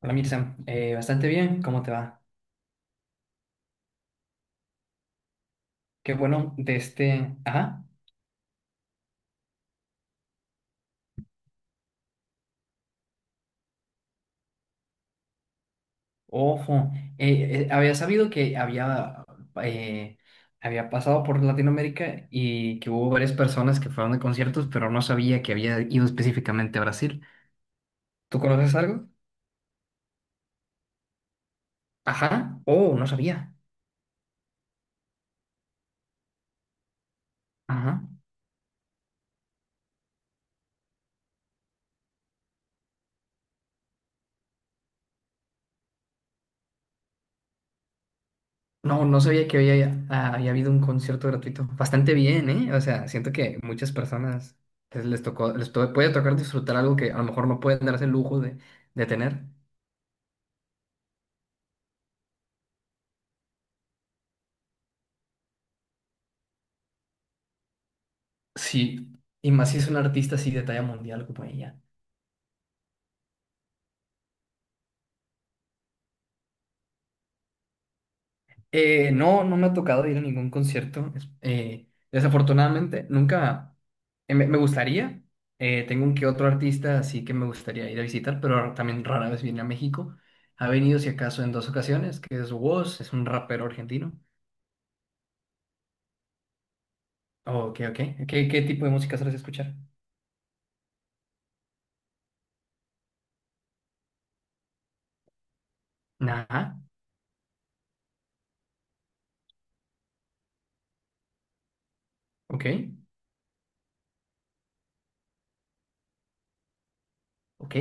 Hola Mirza, bastante bien, ¿cómo te va? Qué bueno, de este, ajá, ojo, había sabido que eh, había pasado por Latinoamérica y que hubo varias personas que fueron a conciertos, pero no sabía que había ido específicamente a Brasil. ¿Tú conoces algo? Ajá, oh, no sabía, ajá, no, no sabía que había habido un concierto gratuito, bastante bien, ¿eh? O sea, siento que muchas personas les tocó, puede tocar disfrutar algo que a lo mejor no pueden darse el lujo de tener. Sí, y más si es un artista así de talla mundial como ella. No, no me ha tocado ir a ningún concierto. Desafortunadamente, nunca. Me gustaría. Tengo un que otro artista así que me gustaría ir a visitar, pero también rara vez viene a México. Ha venido, si acaso, en dos ocasiones, que es Woz, es un rapero argentino. Oh, ok, ok. ¿Qué tipo de música sueles escuchar? Ajá, ok, ok.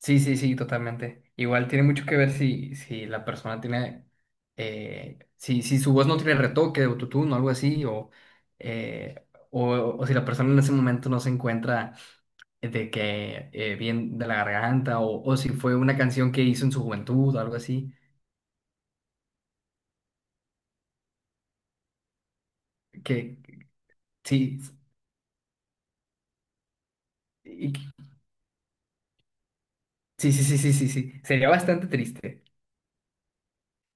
Sí, sí, sí, totalmente. Igual tiene mucho que ver si, la persona tiene, si su voz no tiene retoque de autotune o algo así, eh, o, o, si la persona en ese momento no se encuentra de que bien de la garganta, o si fue una canción que hizo en su juventud o algo así, que sí, y- sí, sí, sí, sí, sí, sí, sería bastante triste.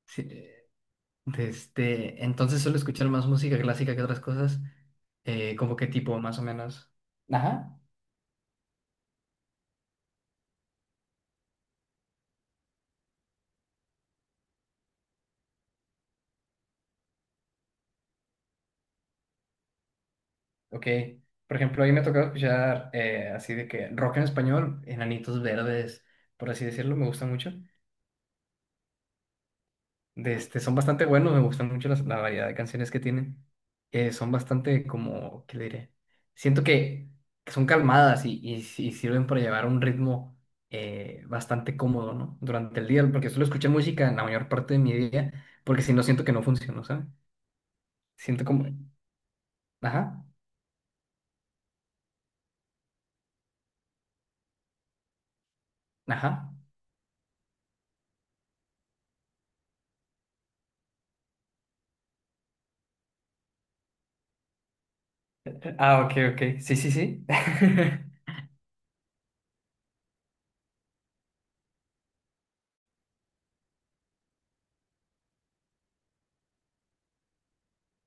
Sí, este, entonces suelo escuchar más música clásica que otras cosas, como que tipo, más o menos. Ajá. Ok, por ejemplo, ahí me ha escuchar así de que rock en español, Enanitos Verdes, por así decirlo, me gusta mucho. De este, son bastante buenos, me gustan mucho la variedad de canciones que tienen. Son bastante como, ¿qué le diré? Siento que son calmadas y sirven para llevar un ritmo bastante cómodo, ¿no? Durante el día, porque suelo escuchar música en la mayor parte de mi día, porque si no siento que no funciono, ¿sabes? Siento como... Ajá, ajá. Ah, ok, ok, sí, sí, sí.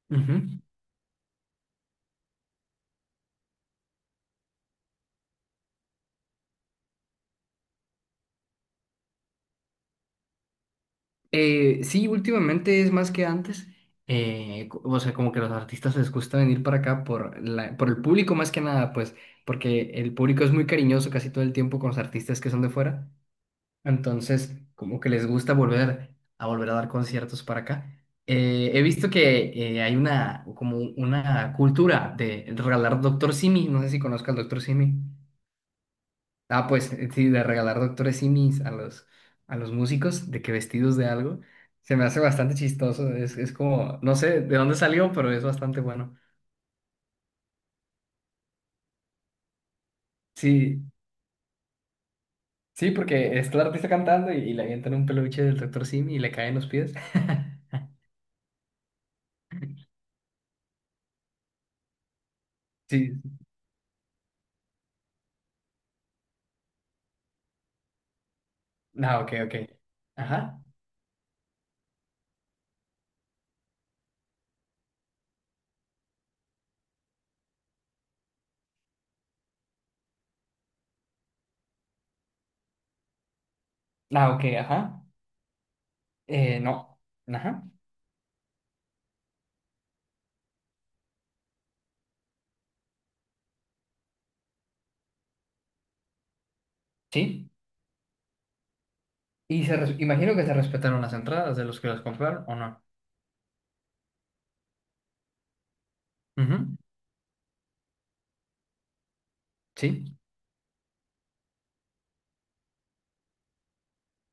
Ujú. Sí, últimamente es más que antes. O sea, como que los artistas les gusta venir para acá por por el público más que nada, pues, porque el público es muy cariñoso casi todo el tiempo con los artistas que son de fuera. Entonces, como que les gusta volver a dar conciertos para acá. He visto que hay una como una cultura de regalar Doctor Simi. No sé si conozcas al Doctor Simi. Ah, pues sí, de regalar doctores simis a los músicos, de que vestidos de algo, se me hace bastante chistoso. Es como, no sé de dónde salió, pero es bastante bueno. Sí, sí, porque está el artista cantando y le avientan un peluche del doctor simi y le caen los pies. Sí, ah, ok, ok. Ajá, ah, ok, ajá. No, ajá, sí. Imagino que se respetaron las entradas de los que las compraron, ¿o no? Ujú, sí,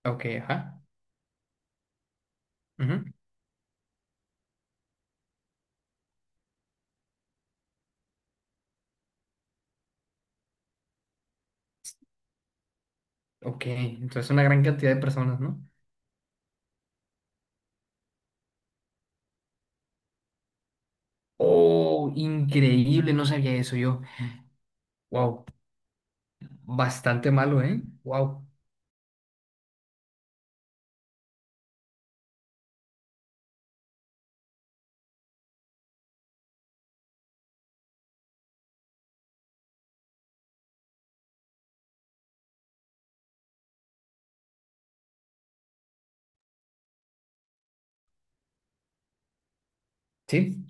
ok, ajá. Ujú. Ok, entonces una gran cantidad de personas, ¿no? Oh, increíble, no sabía eso yo. Wow, bastante malo, ¿eh? Wow, sí,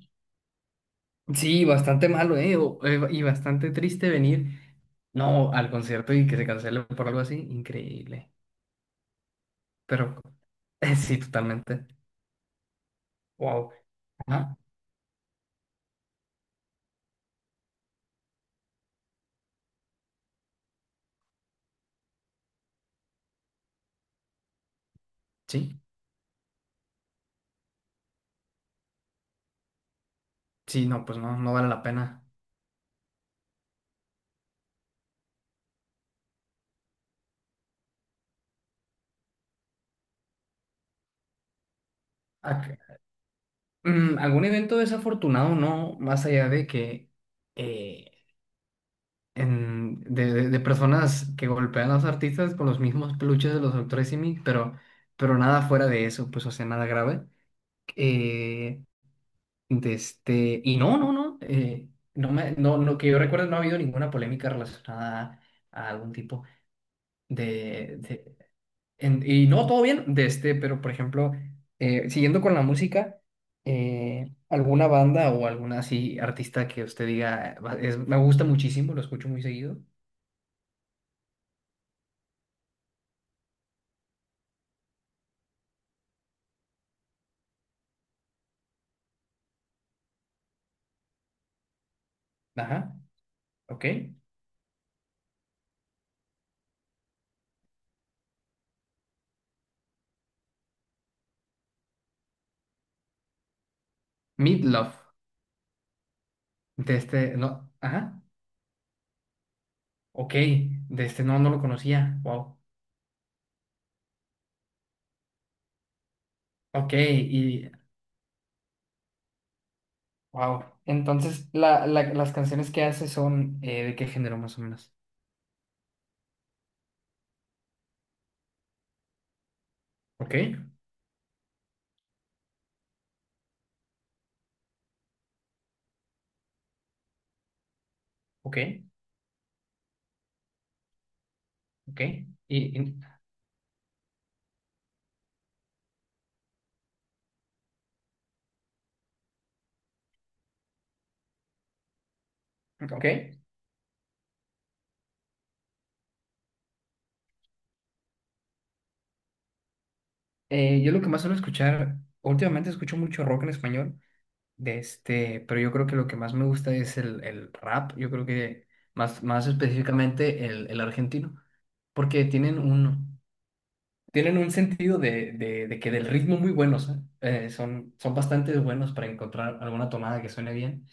sí, bastante malo, ¿eh? Y bastante triste venir, no, al concierto y que se cancele por algo así, increíble. Pero sí, totalmente. Wow, ah, sí, sí, no, pues no, no vale la pena. Ac- ¿Algún evento desafortunado, no? Más allá de que eh, de personas que golpean a los artistas con los mismos peluches de los doctores Simi, pero nada fuera de eso, pues, o sea, nada grave. Eh, de este, y no, no, no, no, me, no, no, que yo recuerdo no ha habido ninguna polémica relacionada a algún tipo de, de- y no, todo bien, de este, pero por ejemplo, siguiendo con la música, alguna banda o alguna así artista que usted diga, Me gusta muchísimo, lo escucho muy seguido". Ajá, ok. Meatloaf, de este, no, ajá, ok, de este no, no lo conocía, wow, ok, y, wow. Entonces, la- las canciones que hace son de qué género más o menos. Ok, ok, ok, y, y- ok. Yo lo que más suelo escuchar, últimamente escucho mucho rock en español, de este, pero yo creo que lo que más me gusta es el rap, yo creo que más específicamente el argentino, porque tienen un sentido de que del ritmo muy buenos, ¿eh? Son bastante buenos para encontrar alguna tomada que suene bien.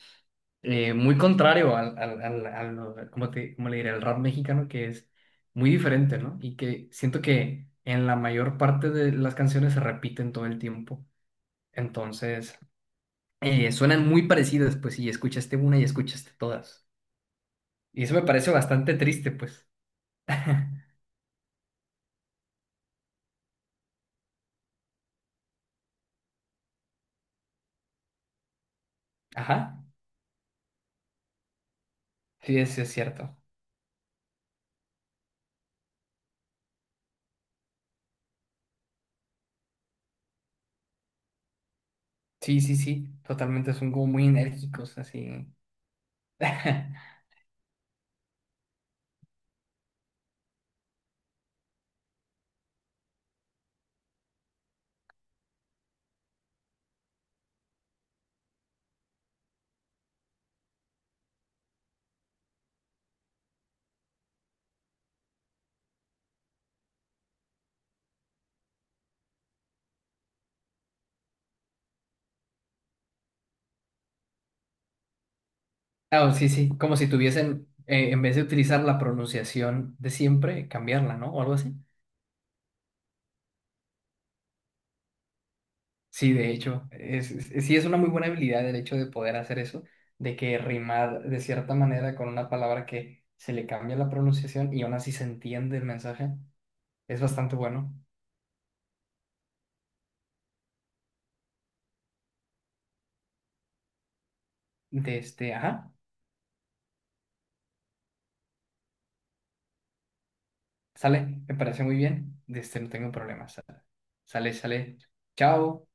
Muy contrario cómo le diré? El rap mexicano que es muy diferente, ¿no? Y que siento que en la mayor parte de las canciones se repiten todo el tiempo. Entonces, suenan muy parecidas, pues, y escuchaste una y escuchaste todas. Y eso me parece bastante triste, pues. Ajá, sí, eso es cierto. Sí, sí, sí, totalmente, son como muy enérgicos, así. Ah, sí, sí, como si tuviesen, en vez de utilizar la pronunciación de siempre, cambiarla, ¿no? O algo así. Sí, de hecho, sí es una muy buena habilidad el hecho de poder hacer eso, de que rimar de cierta manera con una palabra que se le cambia la pronunciación y aún así se entiende el mensaje, es bastante bueno. De este, ajá, sale, me parece muy bien, de este, no tengo problemas, sale, sale, sale, chao.